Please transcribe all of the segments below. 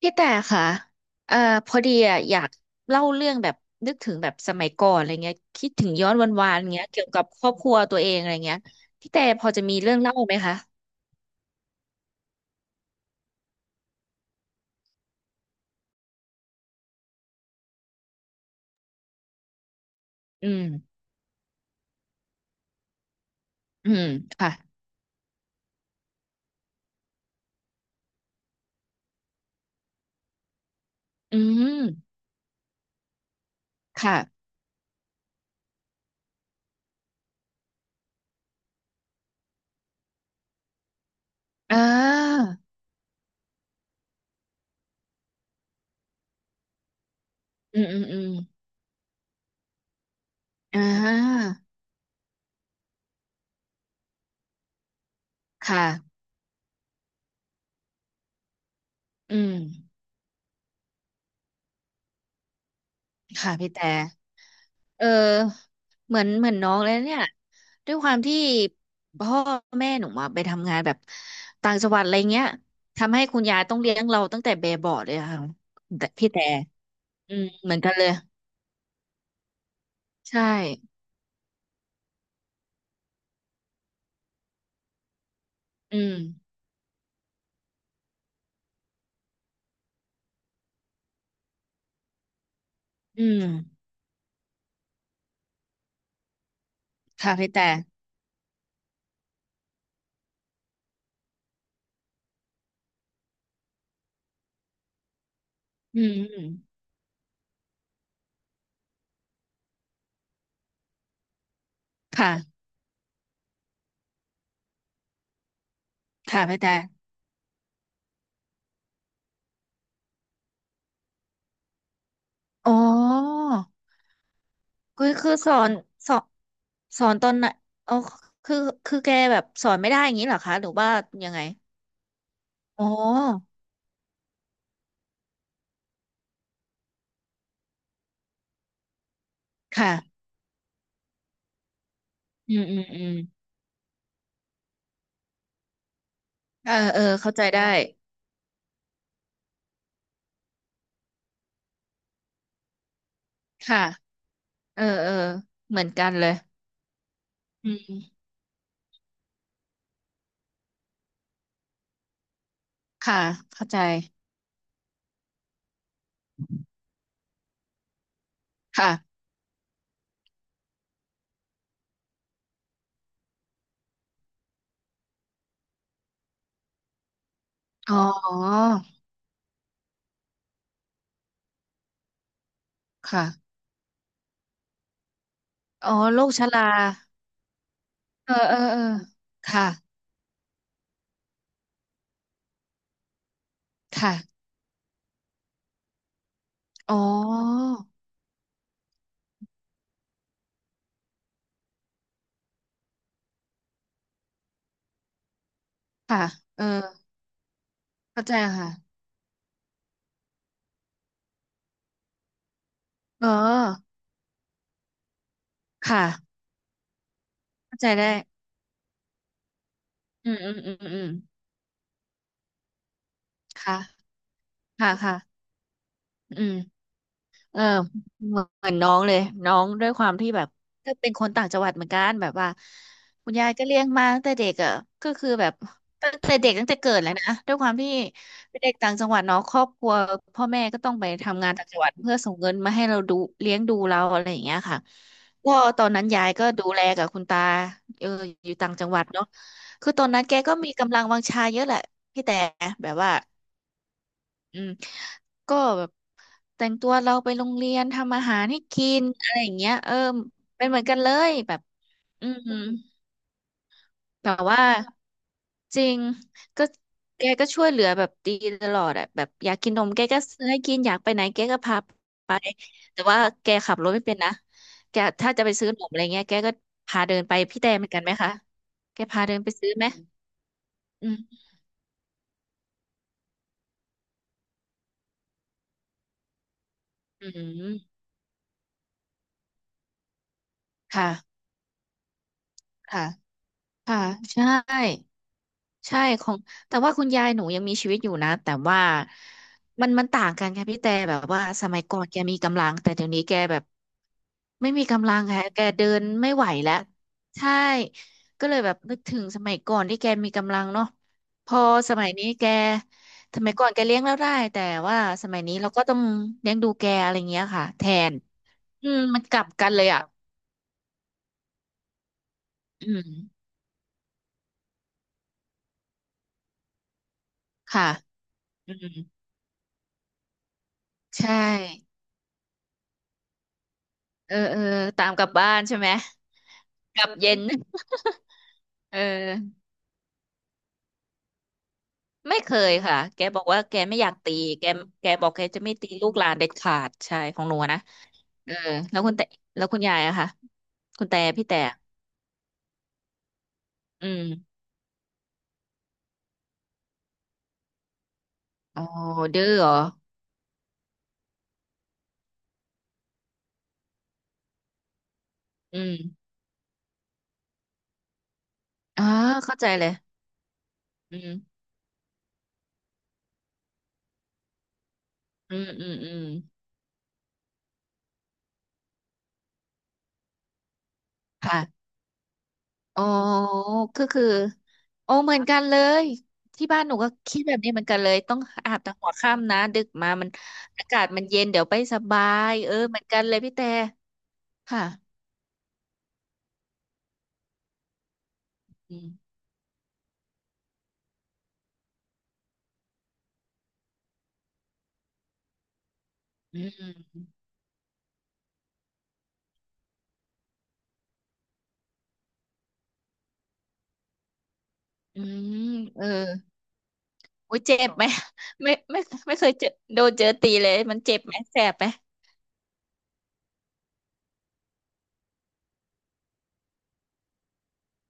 พี่แต่ค่ะเอ่อพอดีอ่ะอยากเล่าเรื่องแบบนึกถึงแบบสมัยก่อนอะไรเงี้ยคิดถึงย้อนวันวานเงี้ยเกี่ยวกับครอบครัวตัวเองอะไรเงี้ยพี่แต่พอจะมีเรื่องเล่าไหมคะอืมอืมค่ะอืมค่ะอ่าอืมอืมอืมอ่าค่ะอืมค่ะพี่แต่ เออเหมือนน้องเลยเนี่ยด้วยความที่พ่อแม่หนูมาไปทำงานแบบต่างจังหวัดอะไรเงี้ยทำให้คุณยายต้องเลี้ยงเราตั้งแต่เบเบาะเลยอะค่ะแต่พี่แต่อืมเหมือนกันเลยใช่อืมอืมค่ะพี่แต่อืมอืมค่ะค่ะพี่แต่อ๋อคือสอนสอนตอนไหนอ๋อคือคือแกแบบสอนไม่ได้อย่างนี้เหรอคะหรือว่ายังไงอ๋อค่ะอืมอืมอืม เออเออเข้าใจได้ ค่ะเออเออเหมือนกันเลยอืมค่ะเข้าใจค่ะอ๋อค่ะอ๋อโรคชราเออเออเออค่ะค่ะอ๋อค่ะเออเข้าใจค่ะเออค่ะเข้าใจได้อืมอืมอืมอืม ค่ะค่ะค่ะอืม เออเหมือนน้องเลยน้องด้วยความที่แบบก็เป็นคนต่างจังหวัดเหมือนกันแบบว่าคุณยายก็เลี้ยงมาตั้งแต่เด็กอ่ะก็คือแบบตั้งแต่เด็กตั้งแต่เกิดแหล้วนะด้วยความที่เป็นเด็กต่างจังหวัดเนาะครอบครัวพ่อแม่ก็ต้องไปทำงานต่างจังหวัดเพื่อส่งเงินมาให้เราดูเลี้ยงดูเราอะไรอย่างเงี้ยค่ะก็ตอนนั้นยายก็ดูแลกับคุณตาเอออยู่ต่างจังหวัดเนาะคือตอนนั้นแกก็มีกำลังวังชาเยอะแหละพี่แต่แบบว่า อืมก็แบบแต่งตัวเราไปโรงเรียนทำอาหารให้กินอะไรอย่างเงี้ยเออเป็นเหมือนกันเลยแบบอืมแต่ว่าจริงก็แกก็ช่วยเหลือแบบดีตลอดอะแบบอยากกินนมแกก็ซื้อให้กินอยากไปไหนแกก็พาไปแต่ว่าแกขับรถไม่เป็นนะแกถ้าจะไปซื้อนมอะไรเงี้ยแกก็พาเดินไปพี่แตนเหมือนกันไหมคะแกพาเดินไปซื้อไหมอืมอืมค่ะค่ะค่ะใช่ ใช่ของแต่ว่าคุณยายหนูยังมีชีวิตอยู่นะแต่ว่ามันมันต่างกันค่ะพี่แต่แบบว่าสมัยก่อนแกมีกำลังแต่เดี๋ยวนี้แกแบบไม่มีกำลังค่ะแกเดินไม่ไหวแล้วใช่ก็เลยแบบนึกถึงสมัยก่อนที่แกมีกำลังเนาะพอสมัยนี้แกสมัยก่อนแกเลี้ยงเราได้แต่ว่าสมัยนี้เราก็ต้องเลี้ยงดูแกอะไรเงี้ยค่ะแทนอืมมันกลับกันเลยอ่ะอืมค่ะอืมใช่ เออเออตามกลับบ้านใช่ไหมกลับเย็นเออไม่เคยค่ะแกบอกว่าแกไม่อยากตีแกแกบอกแกจะไม่ตีลูกหลานเด็ดขาดใช่ของหนูนะเออแล้วคุณแต่แล้วคุณยายอะค่ะคุณแต่พี่แต่อืมอ๋อดื้อเหรออืมอ่าเข้าใจเลยอืมอืมอืมอืมค่ะ อ๋อก็คือโอ้เหมือนกันเลยที่บ้านหนูก็คิดแบบนี้เหมือนกันเลยต้องอาบแต่หัวค่ำนะดึกมามันอากาศมันเย็นเดี๋ยวไปสบายเออเหมือนกันเลยพี่แต่ค่ะอืมอืมอืมเออโอ้ยเจ็บไหมไม่ไม่ไม่เคยเจอโดนเจอตีเลยมันเจ็บไหมแสบไหม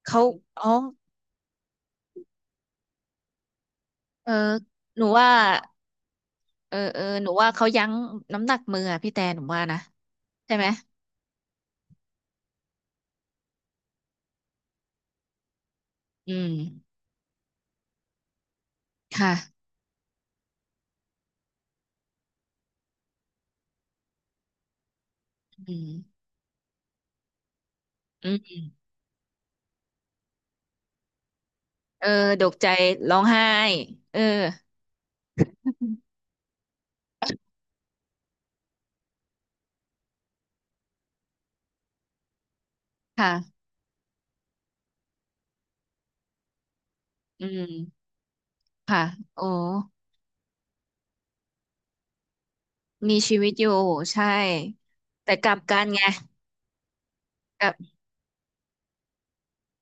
เขาอ๋อเออหนูว่าเออเออหนูว่าเขายั้งน้ำหนักมืออะพี่แต่หนูว่านะใช่ไหมอืมค่ะอืม เออดกใจร้องไห้ เออ ค่ะอืมค่ะโอ้มีชีวิตอยู่ใช่ แต่กลับกันไงกลับ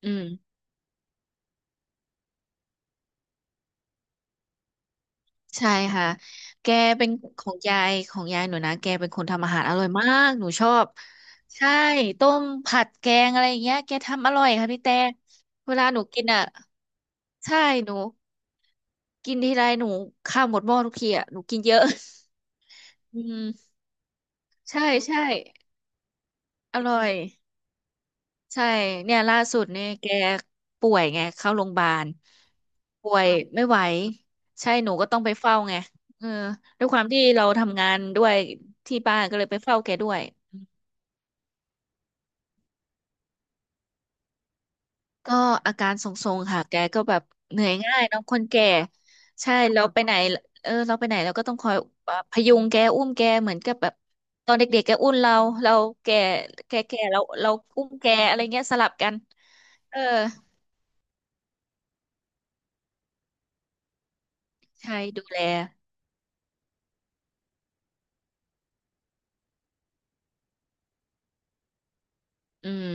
อืมใช่ค่ะ แกเป็นของยายของยายหนูนะ แกเป็นคนทำอาหารอร่อยมาก หนูชอบ ใช่ ต้มผัดแกง อะไรอย่างเงี้ยแกทำอร่อยค่ะพี่แต่ เวลาหนูกินอ่ะใช่หนูกินทีไรหนูข้าวหมดหม้อทุกทีอ่ะหนูกินเยอะ อืมใช่ใช่อร่อย ใช่เนี่ยล่าสุดเนี่ยแกป่วยไงเข้าโรงพยาบาลป่วยไม่ไหวใช่หนูก็ต้องไปเฝ้าไงเออด้วยความที่เราทำงานด้วยที่บ้านก็เลยไปเฝ้าแกด้วยก็อาการทรงๆค่ะแกก็แบบเหนื่อยง่ายเน้องคนแก่ใช่เราไปไหนเออเราไปไหนเราก็ต้องคอยพยุงแกอุ้มแกเหมือนกับแบบตอนเด็กๆแกอุ้มเราเราแกเราอุ้มแกอะไรเงี้ยสลับกันเออใช่ดูแลอืม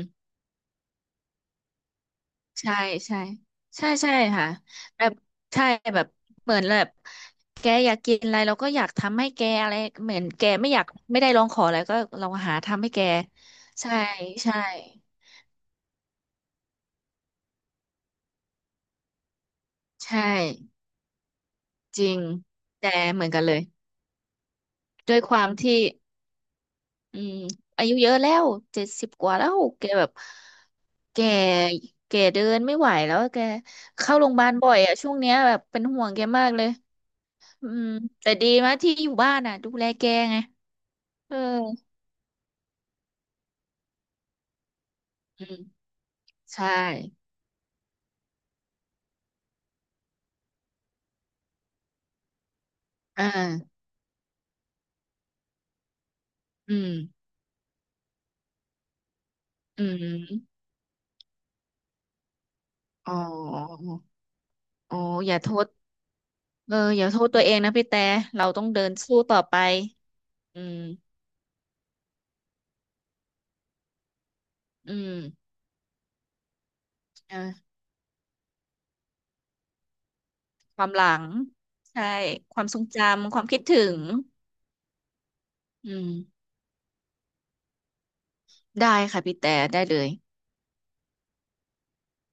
ใช่ใช่ใช่ใช่ค่ะแบบใช่แบบเหมือนแบบแกอยากกินอะไรเราก็อยากทำให้แกอะไรเหมือนแกไม่อยากไม่ได้ร้องขออะไรก็เราหาทำให้แกใช่ใช่ใช่จริงแต่เหมือนกันเลยด้วยความที่อืมอายุเยอะแล้ว70 กว่าแล้วแกแบบแกแกเดินไม่ไหวแล้วแกเข้าโรงพยาบาลบ่อยอะช่วงเนี้ยแบบเป็นห่วงแกมากเลยอืมแต่ดีมากที่อยู่บ้านอ่ะดูแลแกไง เอออืมใช่อ่าอืมอืมอ๋ออ๋ออย่าโทษเอออย่าโทษตัวเองนะพี่แต่ เราต้องเดินสู้ต่อไปอืมอืมเออความหลังใช่ความทรงจำ ความคิดถึงอืมได้ค่ะพี่แต่ ได้เลย